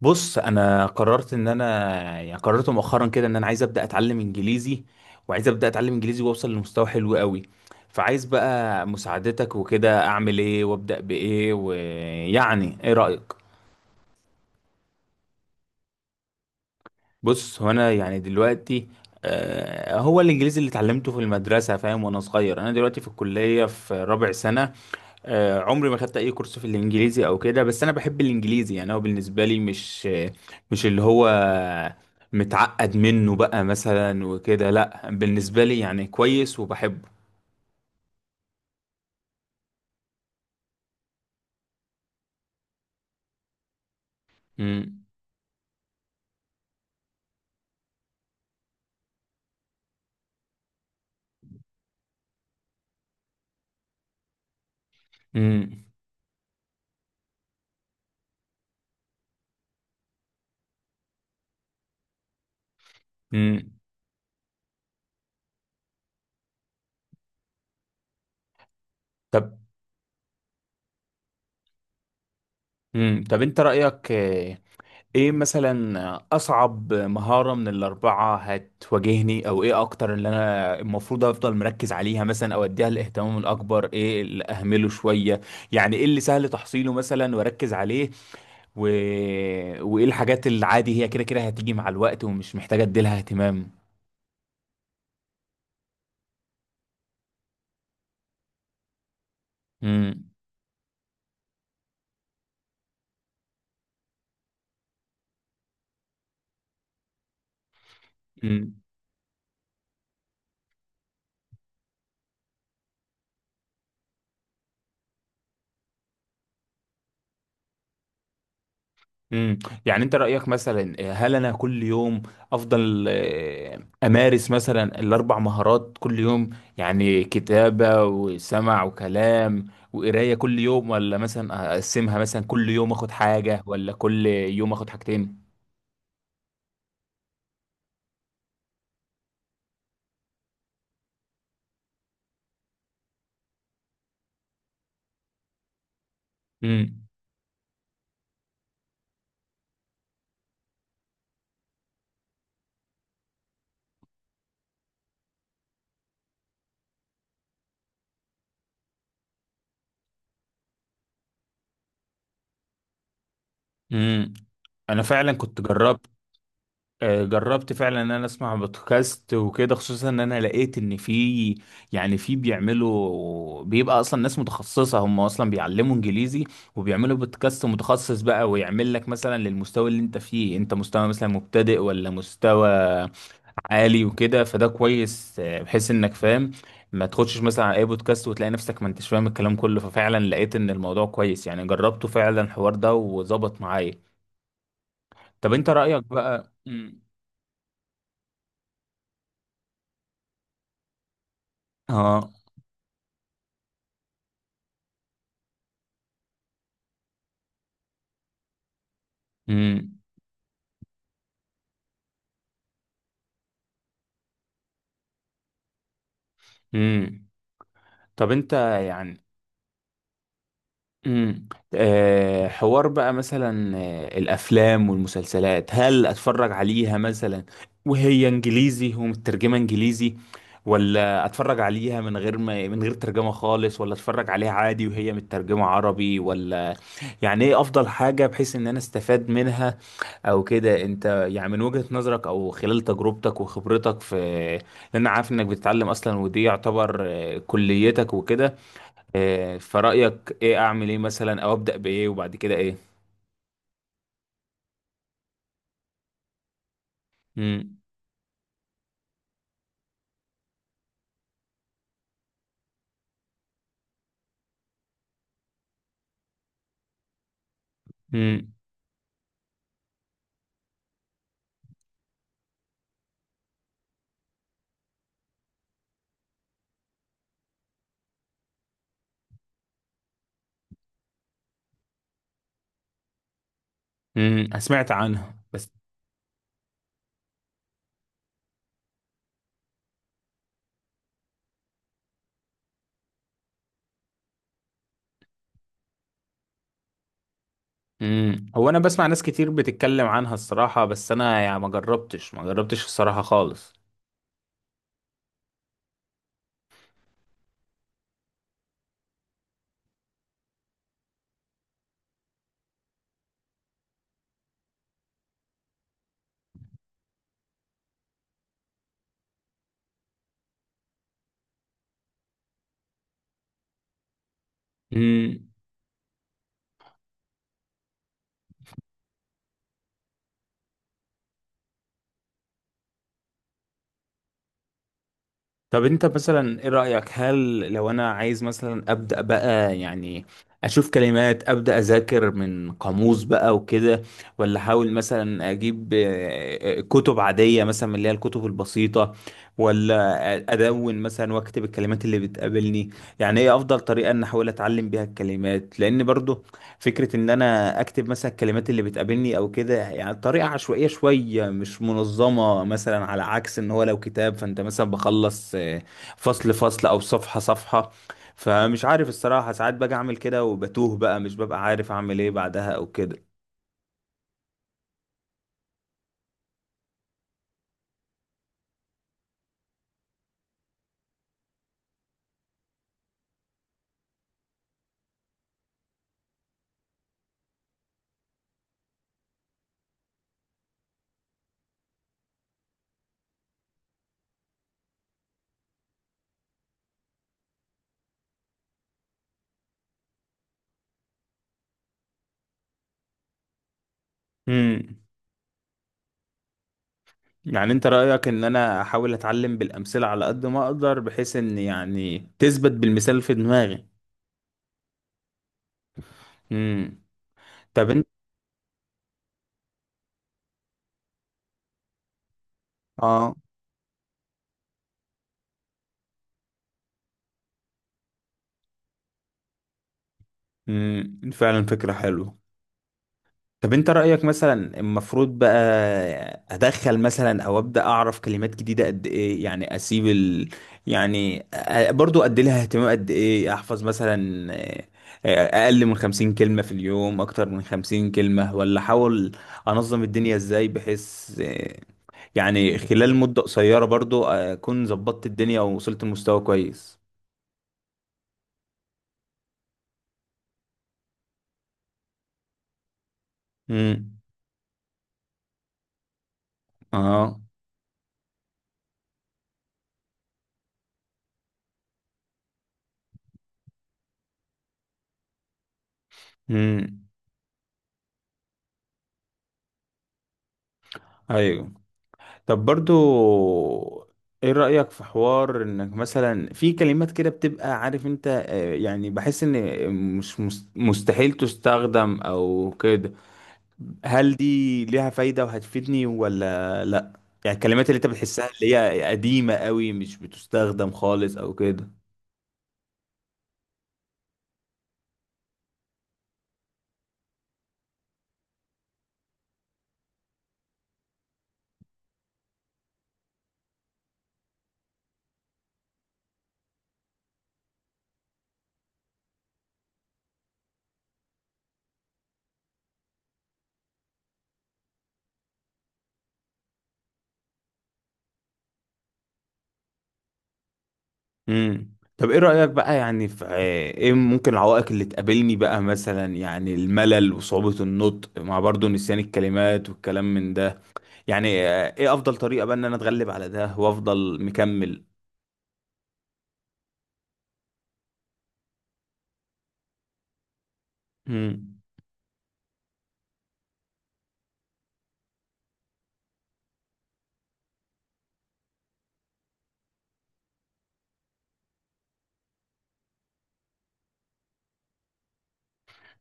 بص، انا قررت ان انا يعني قررت مؤخرا كده ان انا عايز ابدا اتعلم انجليزي. وعايز ابدا اتعلم انجليزي، واوصل لمستوى حلو قوي. فعايز بقى مساعدتك وكده، اعمل ايه وابدا بايه، ويعني ايه رايك؟ بص، هو انا يعني دلوقتي، هو الانجليزي اللي اتعلمته في المدرسه فاهم وانا صغير. انا دلوقتي في الكليه في رابع سنه. عمري ما خدت اي كورس في الانجليزي او كده، بس انا بحب الانجليزي. يعني هو بالنسبه لي، مش اللي هو متعقد منه بقى مثلا وكده، لا بالنسبه لي يعني كويس وبحبه. امم امم امم طب طب انت رايك ايه مثلا، اصعب مهارة من الاربعة هتواجهني، او ايه اكتر اللي انا المفروض افضل مركز عليها مثلا، او اديها الاهتمام الاكبر، ايه اللي اهمله شوية؟ يعني ايه اللي سهل تحصيله مثلا واركز عليه، و... وايه الحاجات اللي عادي هي كده كده هتيجي مع الوقت، ومش محتاجة اديلها اهتمام؟ امم امم يعني انت رأيك مثلا، هل انا كل يوم افضل امارس مثلا الاربع مهارات كل يوم، يعني كتابة وسمع وكلام وقراية كل يوم، ولا مثلا اقسمها مثلا كل يوم اخد حاجة، ولا كل يوم اخد حاجتين؟ امم. امم. انا فعلا كنت جربت آه، جربت فعلا ان انا اسمع بودكاست وكده، خصوصا ان انا لقيت ان في يعني في بيعملوا، بيبقى اصلا ناس متخصصة هم اصلا بيعلموا انجليزي، وبيعملوا بودكاست متخصص بقى، ويعمل لك مثلا للمستوى اللي انت فيه، انت مستوى مثلا مبتدئ ولا مستوى عالي وكده. فده كويس، بحيث انك فاهم، ما تخشش مثلا على اي بودكاست وتلاقي نفسك ما انتش فاهم الكلام كله. ففعلا لقيت ان الموضوع كويس، يعني جربته فعلا الحوار ده وظبط معايا. طب انت رأيك بقى. مم. اه. امم. امم. طب، انت يعني امم آه حوار بقى مثلا، الافلام والمسلسلات، هل اتفرج عليها مثلا وهي انجليزي ومترجمه انجليزي، ولا اتفرج عليها من غير ترجمه خالص، ولا اتفرج عليها عادي وهي مترجمه عربي، ولا يعني ايه افضل حاجه بحيث ان انا استفاد منها او كده، انت يعني من وجهة نظرك او خلال تجربتك وخبرتك في، لان انا عارف انك بتتعلم اصلا ودي يعتبر كليتك وكده. فرأيك ايه، اعمل ايه مثلا او ابدأ بايه وبعد كده ايه؟ امم. امم. سمعت عنها بس. هو انا بسمع ناس كتير بتتكلم عنها الصراحة، بس انا يعني ما جربتش ما جربتش الصراحة خالص. طب انت مثلا ايه رأيك، هل لو انا عايز مثلا ابدأ بقى يعني اشوف كلمات، ابدأ اذاكر من قاموس بقى وكده، ولا احاول مثلا اجيب كتب عادية مثلا من اللي هي الكتب البسيطة، ولا ادون مثلا واكتب الكلمات اللي بتقابلني؟ يعني ايه افضل طريقة ان احاول اتعلم بيها الكلمات، لان برضو فكرة ان انا اكتب مثلا الكلمات اللي بتقابلني او كده يعني طريقة عشوائية شوية مش منظمة، مثلا على عكس ان هو لو كتاب فانت مثلا بخلص فصل فصل او صفحة صفحة. فمش عارف الصراحة، ساعات باجي اعمل كده وبتوه بقى، مش ببقى عارف اعمل ايه بعدها او كده. امم يعني انت رأيك ان انا احاول اتعلم بالامثلة على قد ما اقدر، بحيث ان يعني تثبت بالمثال في دماغي؟ امم. طب انت اه فعلا فكرة حلوة. طب انت رأيك مثلا، المفروض بقى ادخل مثلا او ابدا اعرف كلمات جديدة قد ايه، يعني اسيب ال... يعني أ- برضو ادي لها اهتمام قد ايه، احفظ مثلا، اقل من 50 كلمة في اليوم، اكتر من 50 كلمة، ولا احاول انظم الدنيا ازاي بحيث يعني خلال مدة قصيرة برضو اكون ظبطت الدنيا ووصلت لمستوى كويس؟ امم. اه. امم. ايوه. طب، برضو ايه رأيك في حوار، انك مثلا في كلمات كده بتبقى عارف انت، يعني بحس ان مش مستحيل تستخدم او كده، هل دي ليها فايدة وهتفيدني ولا لا؟ يعني الكلمات اللي انت بتحسها اللي هي قديمة قوي مش بتستخدم خالص او كده. طب ايه رأيك بقى، يعني في ايه ممكن العوائق اللي تقابلني بقى مثلا، يعني الملل وصعوبة النطق، مع برضو نسيان الكلمات والكلام من ده، يعني ايه افضل طريقة بقى ان انا اتغلب على ده وافضل مكمل؟ امم.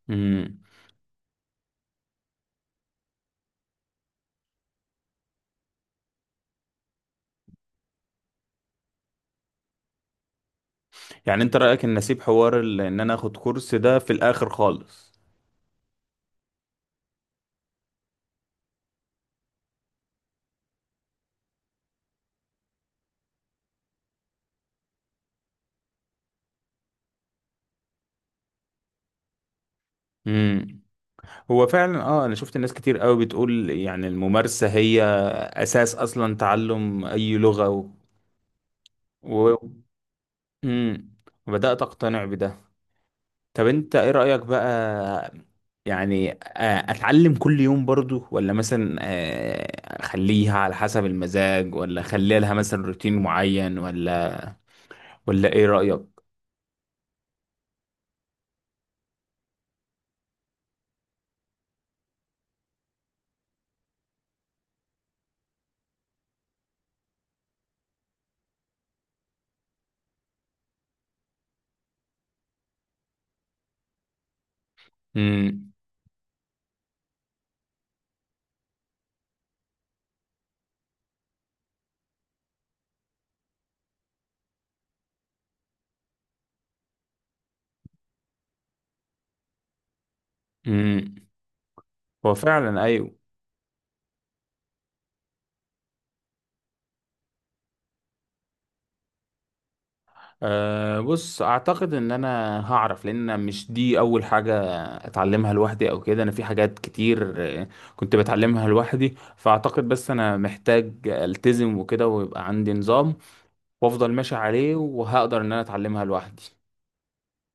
امم يعني انت رأيك ان اسيب حوار ان انا اخد كورس ده في الاخر خالص؟ امم هو فعلا اه، انا شفت ناس كتير قوي بتقول يعني الممارسة هي اساس اصلا تعلم اي لغة. و... امم وبدأت اقتنع بده. طب انت ايه رأيك بقى، يعني اتعلم كل يوم برضو، ولا مثلا اخليها على حسب المزاج، ولا اخليها لها مثلا روتين معين، ولا ايه رأيك؟ امم. امم. هو فعلا، ايوه. أه، بص، اعتقد ان انا هعرف، لان أنا مش دي اول حاجة اتعلمها لوحدي او كده. انا في حاجات كتير آه، كنت بتعلمها لوحدي. فاعتقد بس انا محتاج التزم وكده، ويبقى عندي نظام، وافضل ماشي عليه، وهقدر ان انا اتعلمها لوحدي.